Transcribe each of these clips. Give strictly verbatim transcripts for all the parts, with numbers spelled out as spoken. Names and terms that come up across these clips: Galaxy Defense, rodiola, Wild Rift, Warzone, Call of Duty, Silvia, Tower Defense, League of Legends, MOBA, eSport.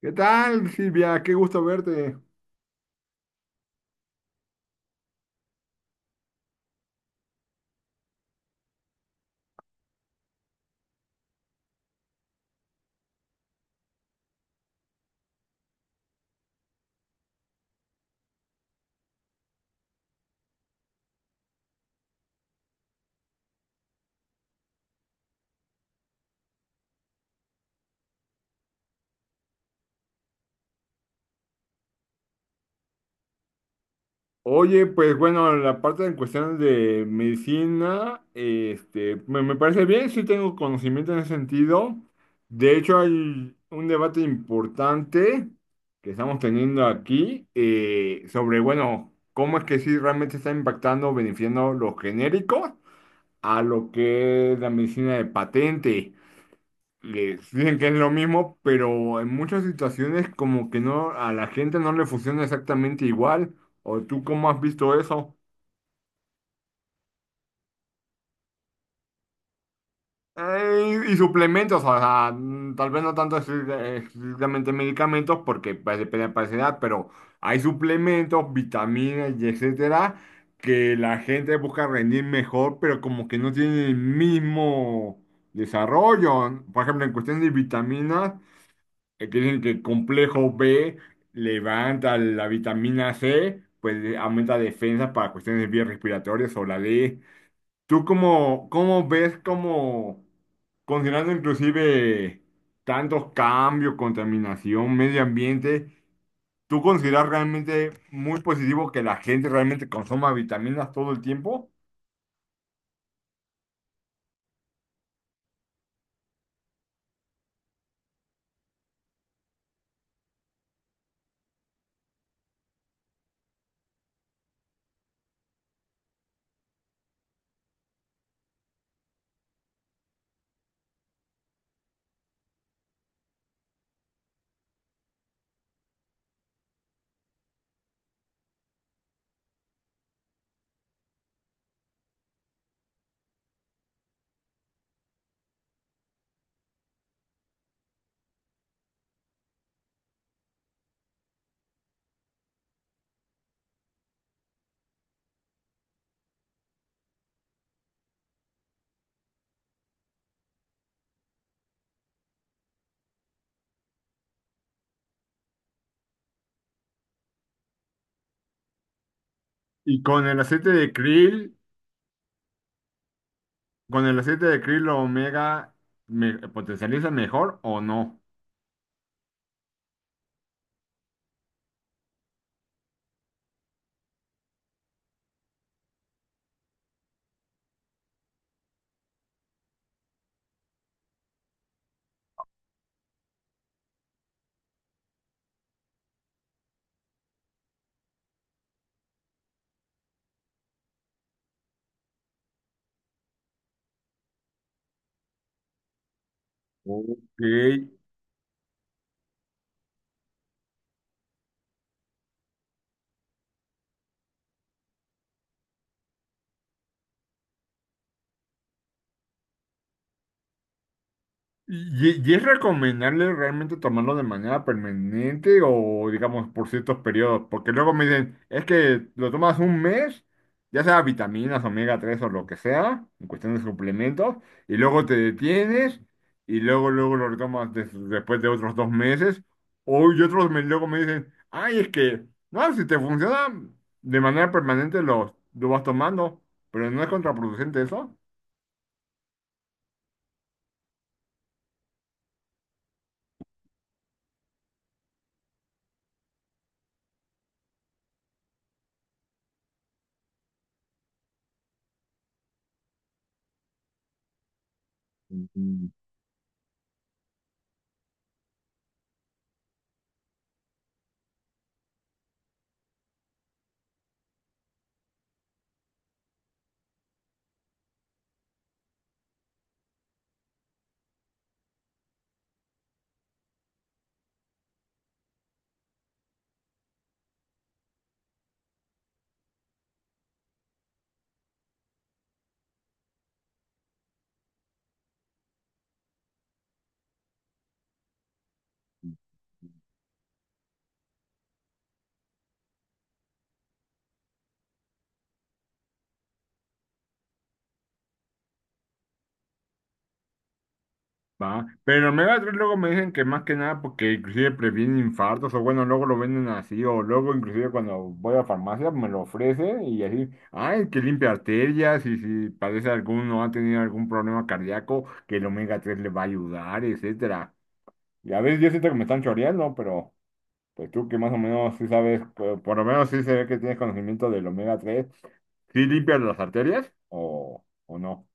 ¿Qué tal, Silvia? Qué gusto verte. Oye, pues bueno, la parte en cuestión de medicina, este, me, me parece bien, sí tengo conocimiento en ese sentido. De hecho, hay un debate importante que estamos teniendo aquí eh, sobre, bueno, cómo es que sí realmente está impactando, beneficiando los genéricos a lo que es la medicina de patente. Les dicen que es lo mismo, pero en muchas situaciones como que no, a la gente no le funciona exactamente igual. ¿O tú cómo has visto eso? Eh, y, y suplementos, o sea, mm, tal vez no tanto estricta- estrictamente medicamentos, porque pues, depende de la paciente, pero hay suplementos, vitaminas y etcétera, que la gente busca rendir mejor, pero como que no tiene el mismo desarrollo. Por ejemplo, en cuestión de vitaminas. Que dicen que el complejo be levanta la vitamina ce, pues eh, aumenta defensa para cuestiones de vías respiratorias o la D. ¿Tú cómo, cómo ves, cómo, considerando inclusive tantos cambios, contaminación, medio ambiente, tú consideras realmente muy positivo que la gente realmente consuma vitaminas todo el tiempo? Y con el aceite de krill, con el aceite de krill omega, ¿me potencializa mejor o no? Ok. ¿Y, y es recomendable realmente tomarlo de manera permanente o, digamos, por ciertos periodos? Porque luego me dicen, es que lo tomas un mes, ya sea vitaminas, omega tres o lo que sea, en cuestión de suplementos, y luego te detienes y luego, luego lo retomas des- después de otros dos meses. O y otros me, luego me dicen, ay, es que, no, si te funciona de manera permanente lo, lo vas tomando, pero no es contraproducente eso. Va, pero omega tres luego me dicen que más que nada porque inclusive previene infartos o bueno, luego lo venden así o luego inclusive cuando voy a la farmacia me lo ofrece y así, ay, que limpia arterias y si padece alguno o ha tenido algún problema cardíaco, que el omega tres le va a ayudar, etcétera. Y a veces yo siento que me están choreando, pero pues tú que más o menos sí sabes, por por lo menos sí se ve que tienes conocimiento del omega tres. ¿Sí limpias las arterias o, o no?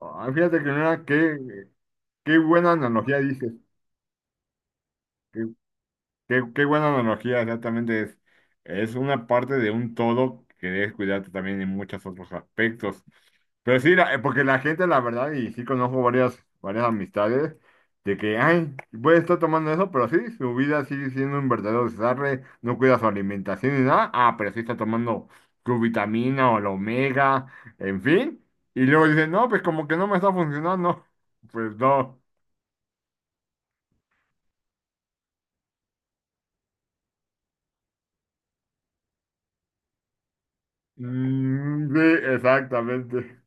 Ay, fíjate que mira, qué, qué buena analogía dices. Qué, qué- qué buena analogía, exactamente. Es, es una parte de un todo que debes cuidarte también en muchos otros aspectos. Pero sí, la- eh, porque la gente, la verdad, y sí conozco varias, varias amistades, de que, ay, puede estar tomando eso, pero sí, su vida sigue siendo un verdadero desastre, no cuida su alimentación ni nada, ah, pero sí está tomando su vitamina o la omega, en fin. Y luego dicen, no, pues como que no me está funcionando. Pues no. Mm, sí, exactamente.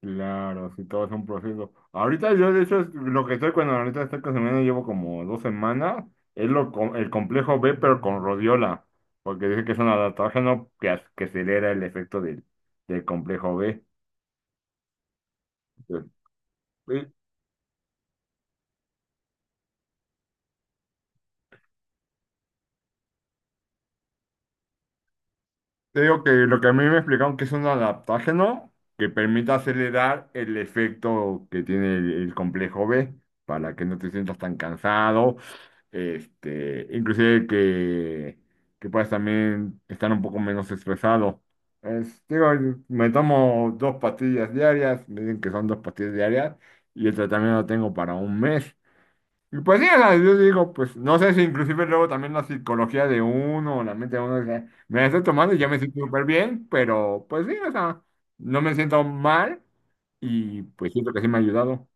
Claro, sí, todo es un proceso. Ahorita yo, de hecho, es lo que estoy cuando ahorita estoy consumiendo, llevo como dos semanas, es lo, com- el complejo B, pero con rodiola, porque dice que es un adaptógeno que, ac- que acelera el efecto del, del complejo be. Te digo que lo que a mí me explicaron que es un adaptógeno que permite acelerar el efecto que tiene el, el complejo be para que no te sientas tan cansado, este, inclusive que, que puedas también estar un poco menos estresado. Es- digo, me tomo dos pastillas diarias, me dicen que son dos pastillas diarias y el tratamiento lo tengo para un mes. Y pues sí, o sea, yo digo, pues no sé si inclusive luego también la psicología de uno, o la mente de uno, o sea, me la estoy tomando y ya me siento súper bien, pero pues sí, o sea, no me siento mal y pues siento que sí me ha ayudado.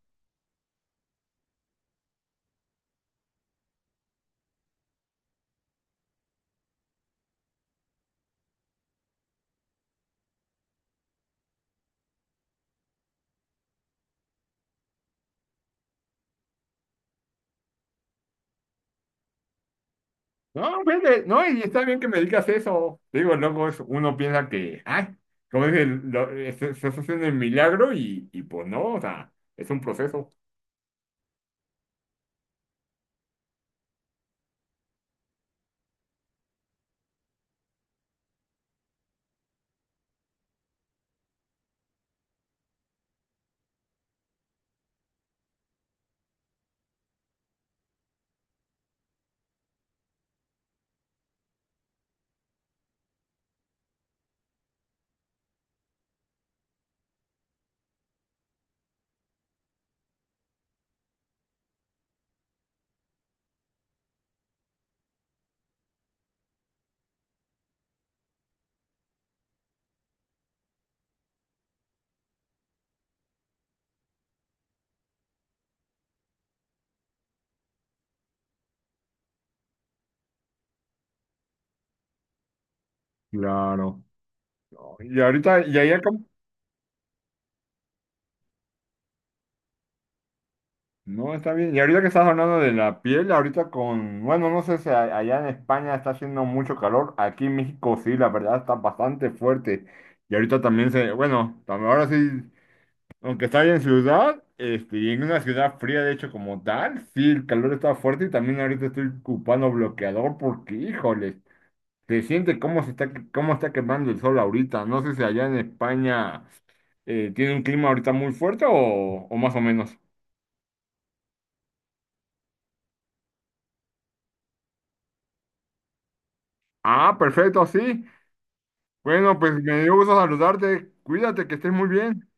No, vete, no, y está bien que me digas eso. Te digo, luego es- uno piensa que, ay, como dice, lo- este- estás haciendo el milagro y, y pues no, o sea, es un proceso. Claro. No, y ahorita, y ahí acá. No, está bien. Y ahorita que estás hablando de la piel, ahorita con, bueno, no sé si a- allá en España está haciendo mucho calor, aquí en México sí, la verdad está bastante fuerte. Y ahorita también se, bueno, tam- ahora sí, aunque está en ciudad, este, y en una ciudad fría de hecho como tal, sí, el calor está fuerte y también ahorita estoy ocupando bloqueador porque, híjole, se siente cómo se está, que- cómo está quemando el sol ahorita. No sé si allá en España eh, tiene un clima ahorita muy fuerte o, o más o menos. Ah, perfecto, sí. Bueno, pues me dio gusto saludarte. Cuídate, que estés muy bien.